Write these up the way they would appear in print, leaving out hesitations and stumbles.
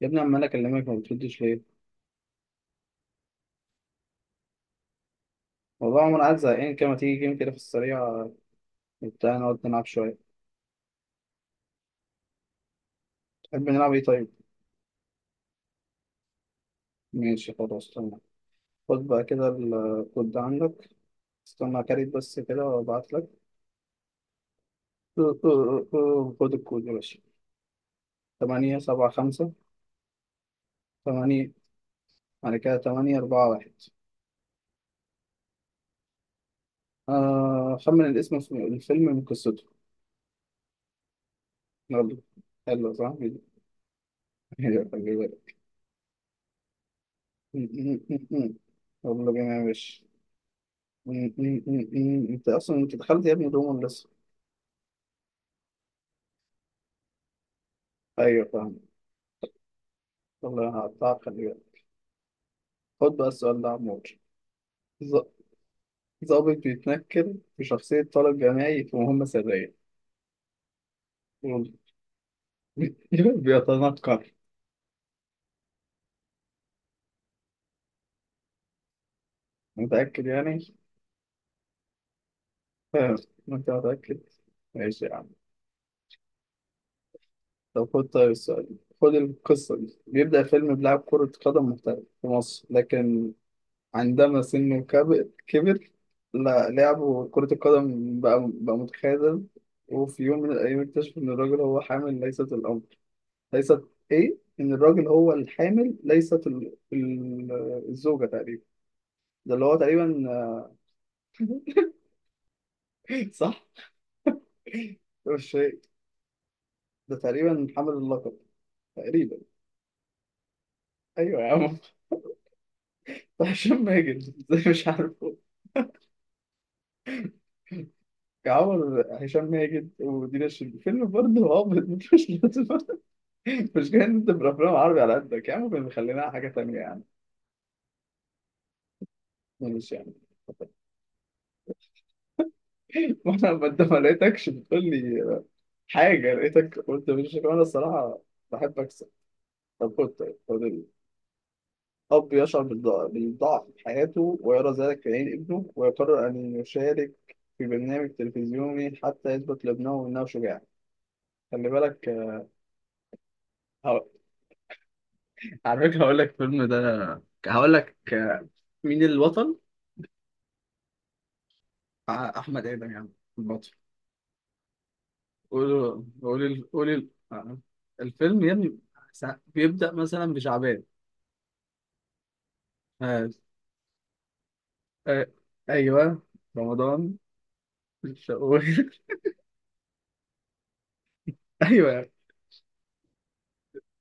يا ابني عمال اكلمك ما بتردش ليه؟ والله عمر عايز زهقان كده، ما تيجي جيم كده في السريع بتاع نقعد نلعب شوية؟ تحب نلعب ايه طيب؟ ماشي، خلاص تمام. خد بقى كده الكود ده عندك. استنى كاريت بس كده وابعت لك. خد الكود يا باشا. تمانية سبعة خمسة تمانية. بعد كده تمانية أربعة واحد. آه، خمن الاسم الفيلم من قصته. يلا. حلو صح؟ يلا بينا يا باشا. م- م- م- م. انت اصلا انت دخلت يا ابني دوما لسه. ايوه فاهم. والله انا هقطعك، خلي بالك. خد بقى السؤال ده عمور. ظ- ظابط بيتنكر في شخصية طالب جامعي في مهمة سرية. بي- بيتنكر. متأكد يعني؟ فاهم. انت متأكد؟ ماشي يا عم. طب خد طيب السؤال ده. خد القصة دي. بيبدأ فيلم بلاعب كرة قدم محترف في مصر، لكن عندما سنه كبر، لا لعبه كرة القدم بقى متخاذل. وفي يوم من الأيام اكتشف إن الراجل هو حامل ليست الأمر. ليست إيه؟ إن الراجل هو الحامل ليست ال... ال... الزوجة تقريبا. ده اللي هو تقريبا. صح؟ ده مش هي. ده تقريبا حامل اللقب. تقريبا. أيوه يا عم. هشام ماجد. إزاي مش عارفه؟ يا عمر، هشام ماجد ودينا الشربيني فيلم برضه هابط، مش لازم. المشكلة إن أنت بالأفلام العربي على قدك يا عم. خلينا على حاجة تانية يعني. مش يعني. وأنا ما أنت ما لقيتكش بتقول لي حاجة، لقيتك قلت مش أنا الصراحة، بحب أكسب. طب خد طيب خد أب يشعر بالضعف في حياته ويرى ذلك في عين ابنه، ويقرر أن يشارك في برنامج تلفزيوني حتى يثبت لابنه أنه شجاع. خلي بالك، آه، هقول- على فكرة هقول لك الفيلم ده، هقول لك آه، مين البطل؟ آه، أحمد آدم يا عم، البطل. قولوا قولي ال- قولي ال- آه. الفيلم يا ابني بيبدأ مثلا بشعبان. آه. آه. ايوه رمضان شوال. ايوه.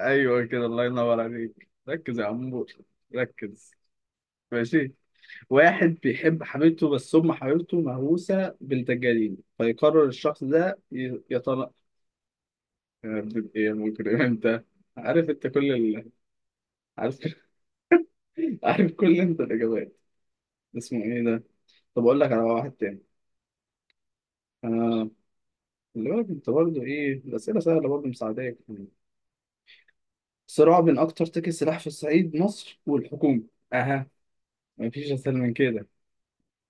ايوه كده، الله ينور عليك، ركز يا عمور، ركز. ماشي. واحد بيحب حبيبته بس أم حبيبته مهووسة بالدجالين، فيقرر الشخص ده يطلق. إيه يا مجرم أنت؟ عارف أنت كل ال... عارف. عارف كل أنت الإجابات. اسمه إيه ده؟ طب أقول لك على واحد تاني. آه. اللي بالك انت برضه ايه الاسئله سهله، برضه مساعداك يعني. صراع بين اكتر تاجر سلاح في الصعيد مصر والحكومه. اها. مفيش اسهل من كده.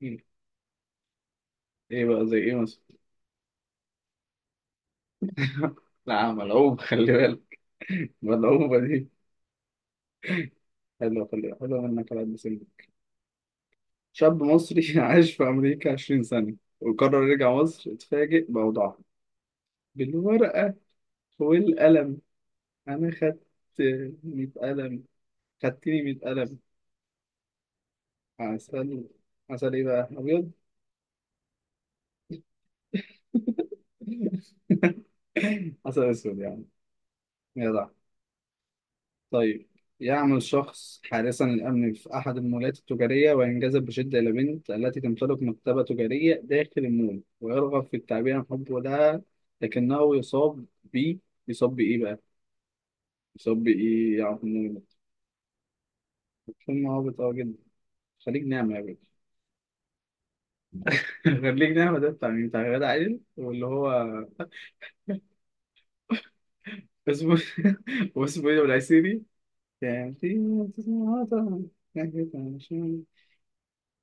مم. ايه بقى زي ايه مثلا؟ لا، ملعوب خلي بالك، ملعوبه دي، حلوه، خلي بالك، حلوه منك على قد سنك. شاب مصري عاش في امريكا 20 سنه وقرر يرجع مصر، اتفاجئ بوضعها. بالورقه والقلم انا خدت 100 قلم. خدتني 100 قلم. عسل. عسل ايه بقى ابيض؟ حسن اسود يعني. جدع. طيب. يعمل شخص حارسا للامن في احد المولات التجاريه، وينجذب بشده الى بنت التي تمتلك مكتبه تجاريه داخل المول، ويرغب في التعبير عن حبه لها، لكنه يصاب ب. يصاب بايه بقى؟ يصاب بايه يا عم؟ فيلم هابط قوي جدا. خليج نعمة يا باشا. خليج نعمة ده بتاع مين؟ بتاع غادة عادل واللي هو اسمه واسمه ايه ده؟ والعسيري يعني.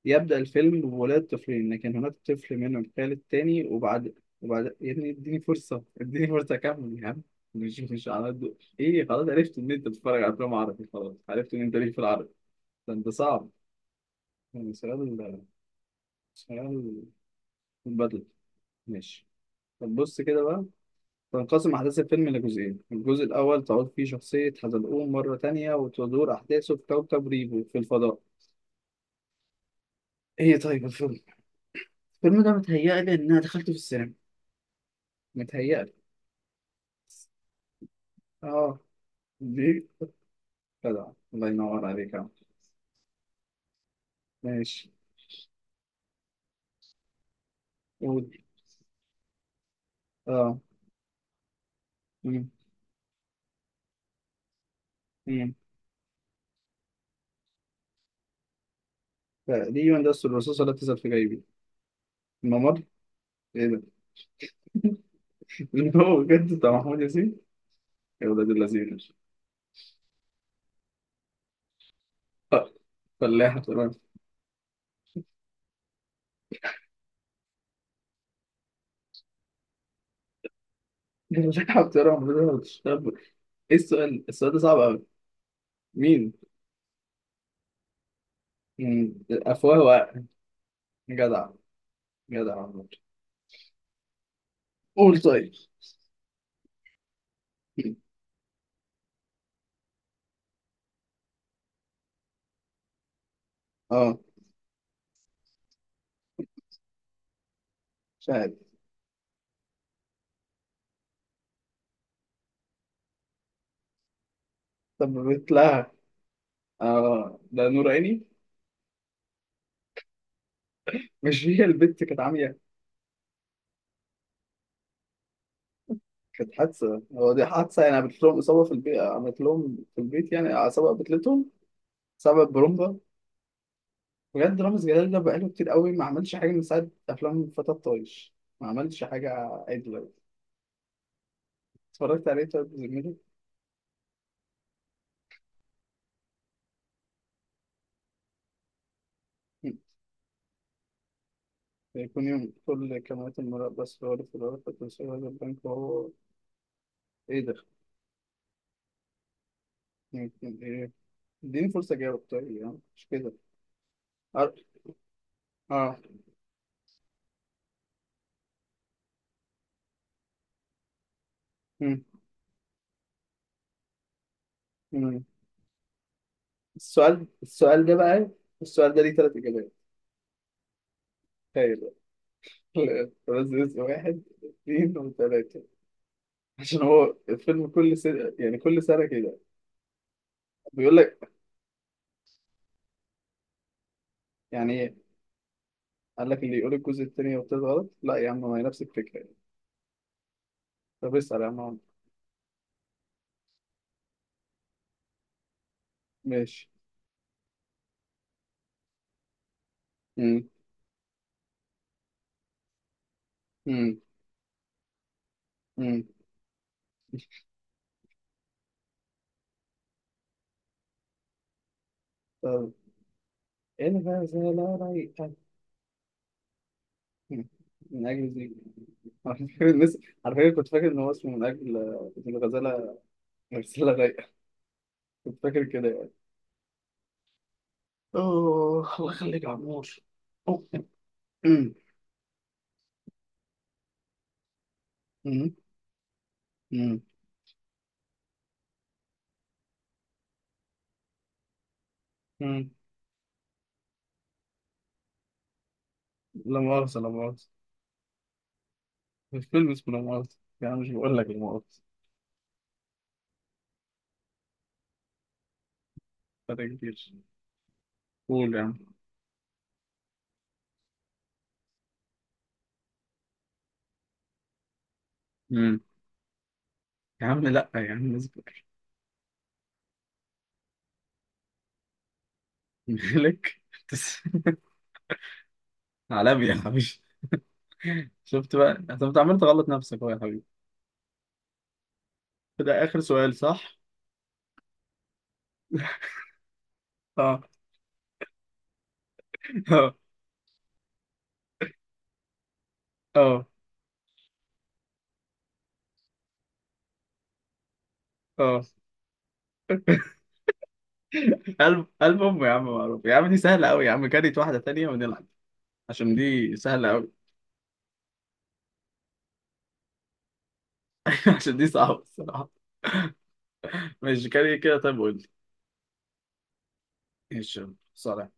يبدأ الفيلم بولاد طفلين، لكن هناك طفل منهم خال التاني، وبعد. وبعد يا ابني اديني فرصة، اديني فرصة أكمل يا عم. مش على قد إيه، خلاص عرفت إن أنت بتتفرج على أفلام عربي، خلاص عرفت إن أنت ليك في العربي، ده أنت صعب يعني. سؤال، سؤال، بدل. ماشي. طب بص كده بقى. تنقسم أحداث الفيلم لجزئين، الجزء الأول تعود فيه شخصية حزلقوم مرة تانية، وتدور أحداثه في كوكب ريبو في الفضاء. إيه طيب الفيلم. الفيلم ده متهيألي إن أنا دخلته في السينما. متهيألي. اه. دي. جدع. الله ينور عليك يا عم. ماشي. قول. اه. مم. مم. تقريبا ده أسر الرصاصة لا تزال في جيبي، الممر. ايه ده؟ هو بجد بتاع محمود ياسين؟ يا ولاد اللذين. آه، فلاحة ترى. فلاحة ترى المفروض بتشتغل ايه السؤال؟ السؤال ده صعب قوي. مين؟ مم. أفواه وعقل. جدع. جدع والله. قول طيب. مم. اه. مش عارف. طب بيت لها. اه، ده نور عيني. مش هي البت كانت عامية. كانت حادثة، هو دي حادثة يعني، عملت لهم إصابة في البيت، عملت لهم في البيت يعني إصابة قتلتهم. سبب برومبا. بجد رامز جلال ده بقاله كتير قوي ما عملش حاجة من ساعة أفلام فتى الطايش، ما عملش حاجة. عدلة. اتفرجت عليه طيب زميلي. يكون يوم كل كاميرات المراقبة سرارة في الورقة تنشر هذا البنك وهو. إيه ده؟ يمكن إيه؟ إديني فرصة أجاوب طيب، يعني مش كده. أر- آه. مم. مم. السؤال ده بقى. السؤال ده ليه تلات إجابات؟ تخيل. لا، بس اسم واحد اثنين وثلاثة. عشان هو الفيلم كل سنة يعني، كل سنة كده بيقول لك. يعني ايه؟ قال لك اللي يقول الجزء التاني والتالت غلط، لا يا عم، ما هي نفس الفكرة يعني. طب اسأل يا عم عمرو. ماشي. مم. مم. مم. طب الغزالة رايقة. مم. من أجل زيك. على فكرة الناس، على فكرة كنت فاكر إن هو اسمه من أجل، من الغزالة، غزالة رايقة، كنت فاكر كده يعني. أوه، الله يخليك يا عمور. أوه. مم. مم. مم. مم. لا مؤاخذة. لا مؤاخذة. مش فيلم اسمه لا مؤاخذة؟ يا عم مش بقول لك لا مؤاخذة. فرق كبير. قول يا عم. مم. يا عم لا يا عم اصبر. مالك. تس- عالمي يا حبيبي. شفت بقى انت، أنت عمال تغلط نفسك اهو يا حبيبي. ده اخر سؤال صح؟ اه. اه. اه. اه. قلب امه يا عم معروف، يا عم دي سهلة قوي يا عم، كاريت واحدة تانية ونلعب عشان دي سهلة قوي. عشان دي صعبة الصراحة. ماشي، كاري كده طيب قول لي. ايش صار